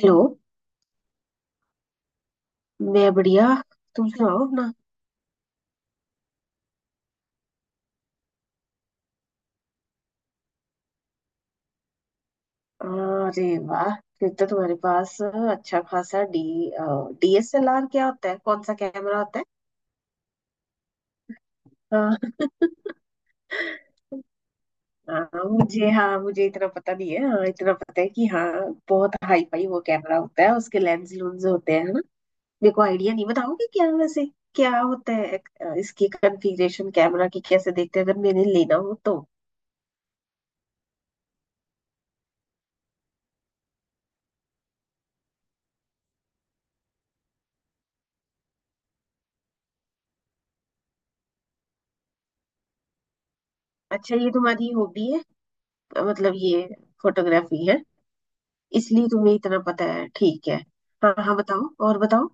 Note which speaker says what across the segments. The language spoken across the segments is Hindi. Speaker 1: हेलो। मैं बढ़िया। तुम सुनाओ अपना। अरे वाह, फिर तो तुम्हारे पास अच्छा खासा डी डीएसएलआर क्या होता है? कौन सा कैमरा होता है? हाँ। हाँ, मुझे इतना पता नहीं है। हाँ, इतना पता है कि हाँ, बहुत हाई फाई वो कैमरा होता है, उसके लेंस लूंस होते हैं, है ना। मेरे को आइडिया नहीं, बताओगे क्या वैसे क्या होता है? इसकी कॉन्फ़िगरेशन कैमरा की कैसे देखते हैं अगर मैंने लेना हो तो? अच्छा, ये तुम्हारी हॉबी है, मतलब ये फोटोग्राफी है, इसलिए तुम्हें इतना पता है। ठीक है। हाँ हाँ, बताओ और बताओ।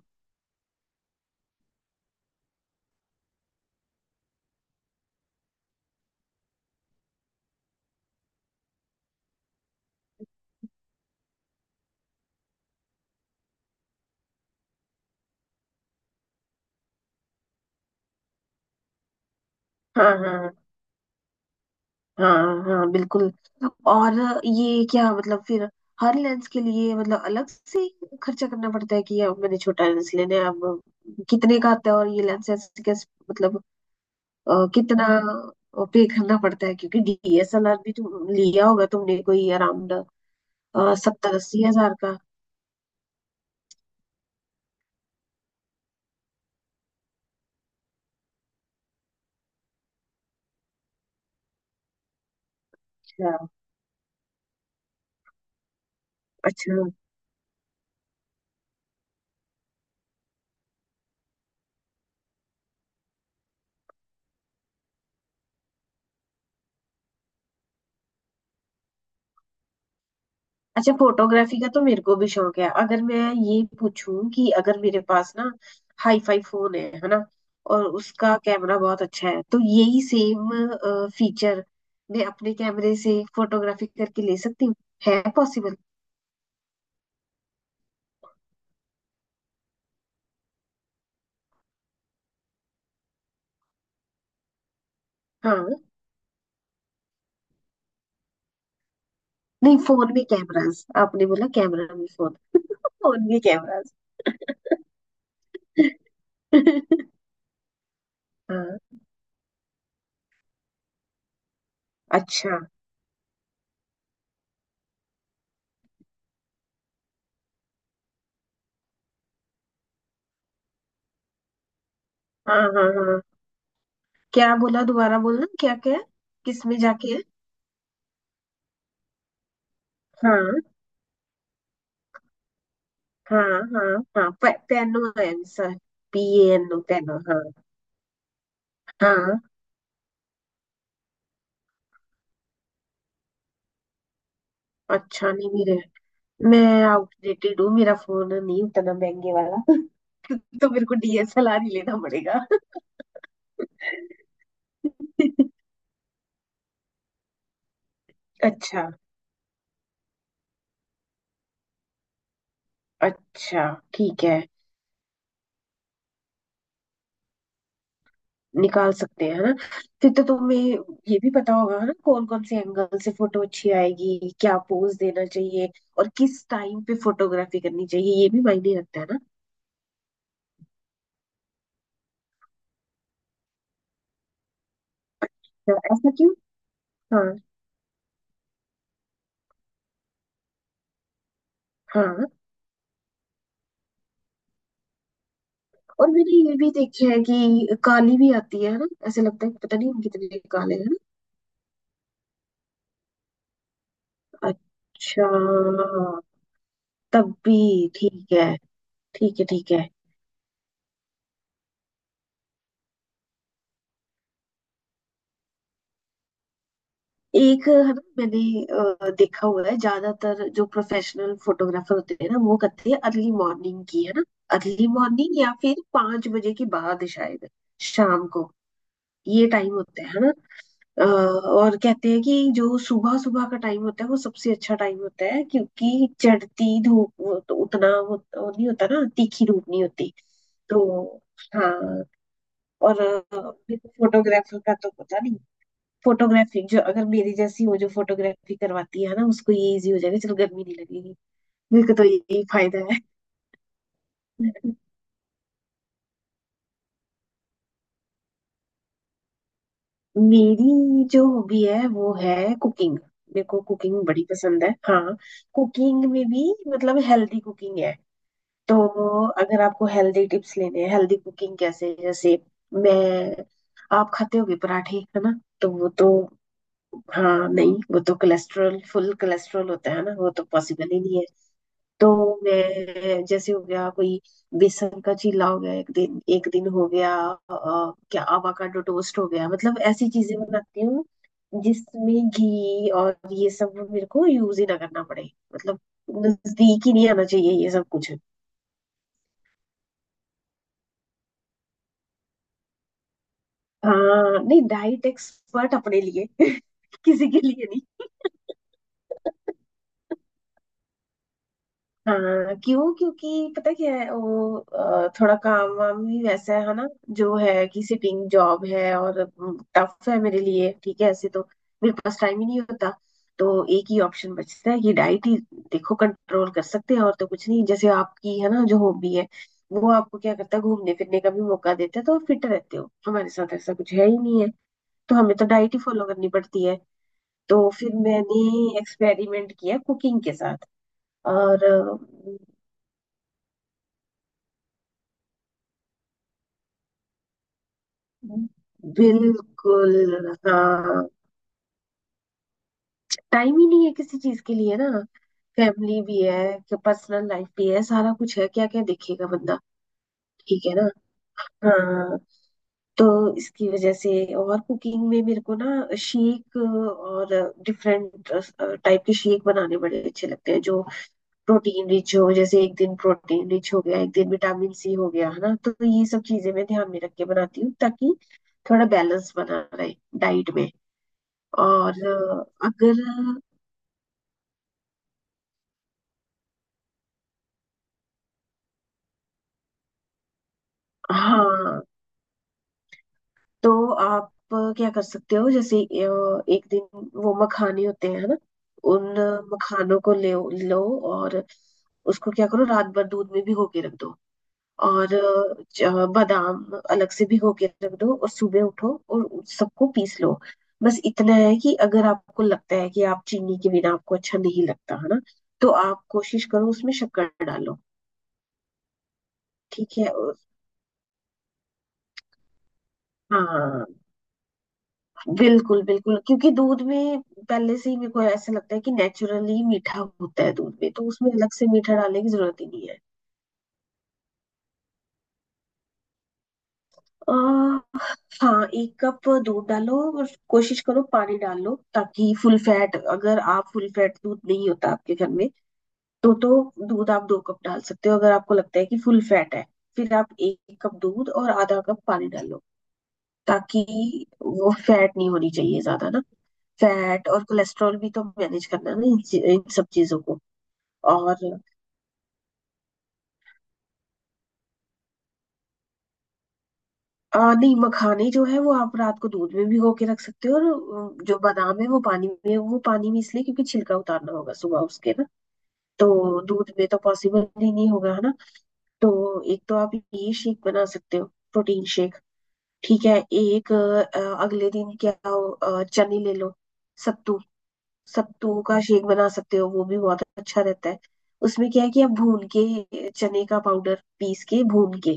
Speaker 1: हाँ हाँ। हाँ हाँ बिल्कुल। और ये क्या मतलब? फिर हर लेंस के लिए मतलब अलग से ही खर्चा करना पड़ता है कि अब मैंने छोटा लेंस लेना है? अब कितने का आता है और ये लेंसेज कैसे, मतलब कितना पे करना पड़ता है? क्योंकि डीएसएलआर भी तुम लिया होगा तुमने कोई अराउंड 70-80 हजार का। अच्छा अच्छा। अच्छा, फोटोग्राफी का तो मेरे को भी शौक है। अगर मैं ये पूछूं कि अगर मेरे पास ना हाई फाई फोन है ना, और उसका कैमरा बहुत अच्छा है, तो यही सेम फीचर मैं अपने कैमरे से फोटोग्राफी करके ले सकती हूँ? है पॉसिबल? हाँ। नहीं, फोन में कैमरास, आपने बोला कैमरा में फोन। फोन में कैमरास। हाँ। अच्छा। हाँ हाँ हाँ, क्या बोला दोबारा, बोलना क्या क्या है, किस में जाके है? हाँ हाँ हाँ हाँ पेनो है आंसर। पी एन ओ, पेनो। हाँ हाँ। अच्छा, नहीं मेरे, मैं आउटडेटेड हूँ, मेरा फोन नहीं उतना महंगे वाला। तो मेरे को डीएसएलआर ही लेना पड़ेगा। अच्छा। अच्छा। ठीक है, निकाल सकते हैं है ना। फिर तो तुम्हें ये भी पता होगा, है ना, कौन कौन से एंगल से फोटो अच्छी आएगी, क्या पोज देना चाहिए, और किस टाइम पे फोटोग्राफी करनी चाहिए ये भी मायने रखता है ना। तो ऐसा क्यों? हाँ। हाँ, और मैंने ये भी देखा है कि काली भी आती है ना, ऐसे लगता है कि पता नहीं हम कितने काले हैं ना। अच्छा। तब भी ठीक है। ठीक है ठीक है। एक है ना, मैंने देखा हुआ है, ज्यादातर जो प्रोफेशनल फोटोग्राफर होते हैं ना वो करते हैं अर्ली मॉर्निंग की, है ना। अर्ली मॉर्निंग या फिर 5 बजे के बाद शायद शाम को, ये टाइम होता है ना। और कहते हैं कि जो सुबह सुबह का टाइम होता है वो सबसे अच्छा टाइम होता है क्योंकि चढ़ती धूप, वो तो उतना वो नहीं होता ना, तीखी धूप नहीं होती। तो हाँ। और फोटोग्राफर का तो पता नहीं, फोटोग्राफी जो अगर मेरी जैसी हो, जो फोटोग्राफी करवाती है ना, उसको ये इजी हो जाएगा, चलो गर्मी नहीं लगेगी। मेरे को तो यही फायदा है। मेरी जो हॉबी है वो है कुकिंग। मेरे को कुकिंग बड़ी पसंद है। हाँ, कुकिंग में भी मतलब हेल्दी कुकिंग है। तो अगर आपको हेल्दी टिप्स लेने हैं, हेल्दी कुकिंग कैसे, जैसे मैं, आप खाते होगे पराठे, है ना? तो वो तो हाँ, नहीं वो तो कोलेस्ट्रॉल, फुल कोलेस्ट्रॉल होता है ना, वो तो पॉसिबल ही नहीं है। तो मैं, जैसे हो गया कोई बेसन का चीला हो गया एक दिन, एक दिन हो गया क्या आवाकाडो टोस्ट हो गया, मतलब ऐसी चीजें बनाती हूँ जिसमें घी और ये सब मेरे को यूज ही ना करना पड़े, मतलब नजदीक ही नहीं आना चाहिए ये सब कुछ। हाँ, नहीं डाइट एक्सपर्ट अपने लिए। किसी के लिए नहीं। हाँ, क्यों? क्योंकि पता क्या है, वो थोड़ा काम वाम भी वैसा है ना, जो है कि सिटिंग जॉब है और टफ है मेरे लिए, ठीक है ऐसे तो। मेरे पास टाइम ही नहीं होता, तो एक ही ऑप्शन बचता है कि डाइट ही, देखो, कंट्रोल कर सकते हैं और तो कुछ नहीं। जैसे आपकी है ना जो हॉबी है, वो आपको क्या करता है, घूमने फिरने का भी मौका देता है, तो फिट रहते हो। हमारे साथ ऐसा कुछ है ही नहीं है, तो हमें तो डाइट ही फॉलो करनी पड़ती है। तो फिर मैंने एक्सपेरिमेंट किया कुकिंग के साथ और बिल्कुल हाँ। टाइम ही नहीं है किसी चीज के लिए ना। फैमिली भी है, पर्सनल लाइफ भी है, सारा कुछ है, क्या क्या देखेगा बंदा। ठीक है ना। हाँ। तो इसकी वजह से। और कुकिंग में मेरे को ना शेक, और डिफरेंट टाइप के शेक बनाने बड़े अच्छे लगते हैं जो प्रोटीन रिच हो। जैसे एक दिन प्रोटीन रिच हो गया, एक दिन विटामिन सी हो गया, है ना, तो ये सब चीजें मैं ध्यान में रख के बनाती हूँ ताकि थोड़ा बैलेंस बना रहे डाइट में। और अगर हाँ, तो आप क्या कर सकते हो, जैसे एक दिन वो मखाने होते हैं है ना, उन मखानों को ले लो और उसको क्या करो, रात भर दूध में भिगो के रख दो। और बादाम अलग से भिगो के रख दो और सुबह उठो और उस सबको पीस लो। बस इतना है कि अगर आपको लगता है कि आप चीनी के बिना आपको अच्छा नहीं लगता है ना, तो आप कोशिश करो, उसमें शक्कर डालो। ठीक है। और हाँ, बिल्कुल बिल्कुल, क्योंकि दूध में पहले से ही मेरे को ऐसा लगता है कि नेचुरली मीठा होता है दूध में, तो उसमें अलग से मीठा डालने की जरूरत ही नहीं है। आ, हाँ, 1 कप दूध डालो, और कोशिश करो पानी डाल लो ताकि फुल फैट, अगर आप फुल फैट दूध नहीं होता आपके घर में, तो दूध आप 2 कप डाल सकते हो। अगर आपको लगता है कि फुल फैट है, फिर आप 1 कप दूध और आधा कप पानी डालो, ताकि वो फैट नहीं होनी चाहिए ज्यादा ना। फैट और कोलेस्ट्रॉल भी तो मैनेज करना है ना इन सब चीजों को। और नहीं, मखाने जो है वो आप रात को दूध में भिगो के रख सकते हो, और जो बादाम है वो पानी में, वो पानी में इसलिए क्योंकि छिलका उतारना होगा सुबह उसके ना, तो दूध में तो पॉसिबल ही नहीं होगा, है ना। तो एक तो आप ये शेक बना सकते हो, प्रोटीन शेक। ठीक है। एक अगले दिन क्या हो, चने ले लो। सत्तू, सत्तू का शेक बना सकते हो, वो भी बहुत अच्छा रहता है। उसमें क्या है कि आप भून के चने का पाउडर पीस के भून के,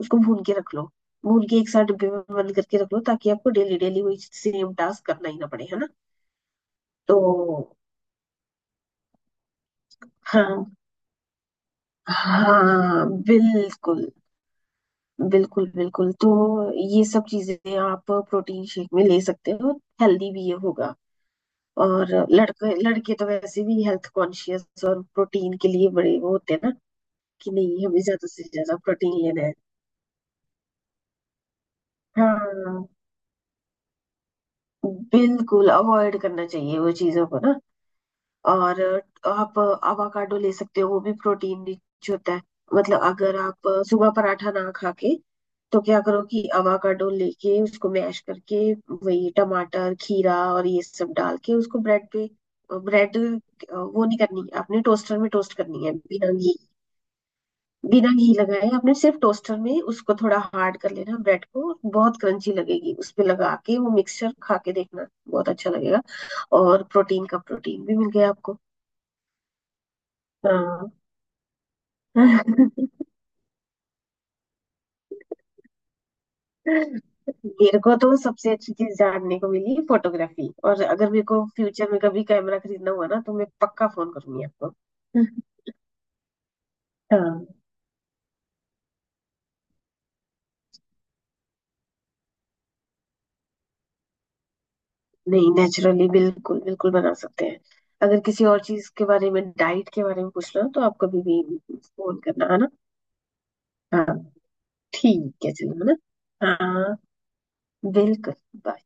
Speaker 1: उसको भून के रख लो, भून के एक साथ डिब्बे में बंद करके रख लो ताकि आपको डेली डेली वही सेम टास्क करना ही ना पड़े, है ना। तो हाँ। हाँ बिल्कुल। बिल्कुल बिल्कुल, तो ये सब चीजें आप प्रोटीन शेक में ले सकते हो, हेल्दी भी ये होगा। और लड़के लड़के तो वैसे भी हेल्थ कॉन्शियस और प्रोटीन के लिए बड़े वो होते हैं ना, कि नहीं हमें ज्यादा से ज्यादा प्रोटीन लेना है। हाँ, बिल्कुल अवॉइड करना चाहिए वो चीजों को ना। और आप अवाकाडो ले सकते हो, वो भी प्रोटीन रिच होता है। मतलब अगर आप सुबह पराठा ना खा के, तो क्या करो कि अवाकाडो लेके उसको मैश करके, वही टमाटर खीरा और ये सब डाल के उसको ब्रेड पे, ब्रेड वो नहीं करनी है, आपने टोस्टर में टोस्ट करनी है बिना घी, बिना घी लगाए, आपने सिर्फ टोस्टर में उसको थोड़ा हार्ड कर लेना, ब्रेड को बहुत क्रंची लगेगी, उस पे लगा के वो मिक्सचर खा के देखना, बहुत अच्छा लगेगा। और प्रोटीन का प्रोटीन भी मिल गया आपको। हाँ, मेरे को तो सबसे अच्छी चीज जानने को मिली फोटोग्राफी, और अगर मेरे को फ्यूचर में कभी कैमरा खरीदना हुआ ना, तो मैं पक्का फोन करूंगी आपको। हाँ, नहीं नेचुरली बिल्कुल बिल्कुल बना सकते हैं। अगर किसी और चीज के बारे में, डाइट के बारे में पूछना हो, तो आप कभी भी फोन करना, है ना। हाँ। ठीक है, चलो, है ना। हाँ, बिल्कुल।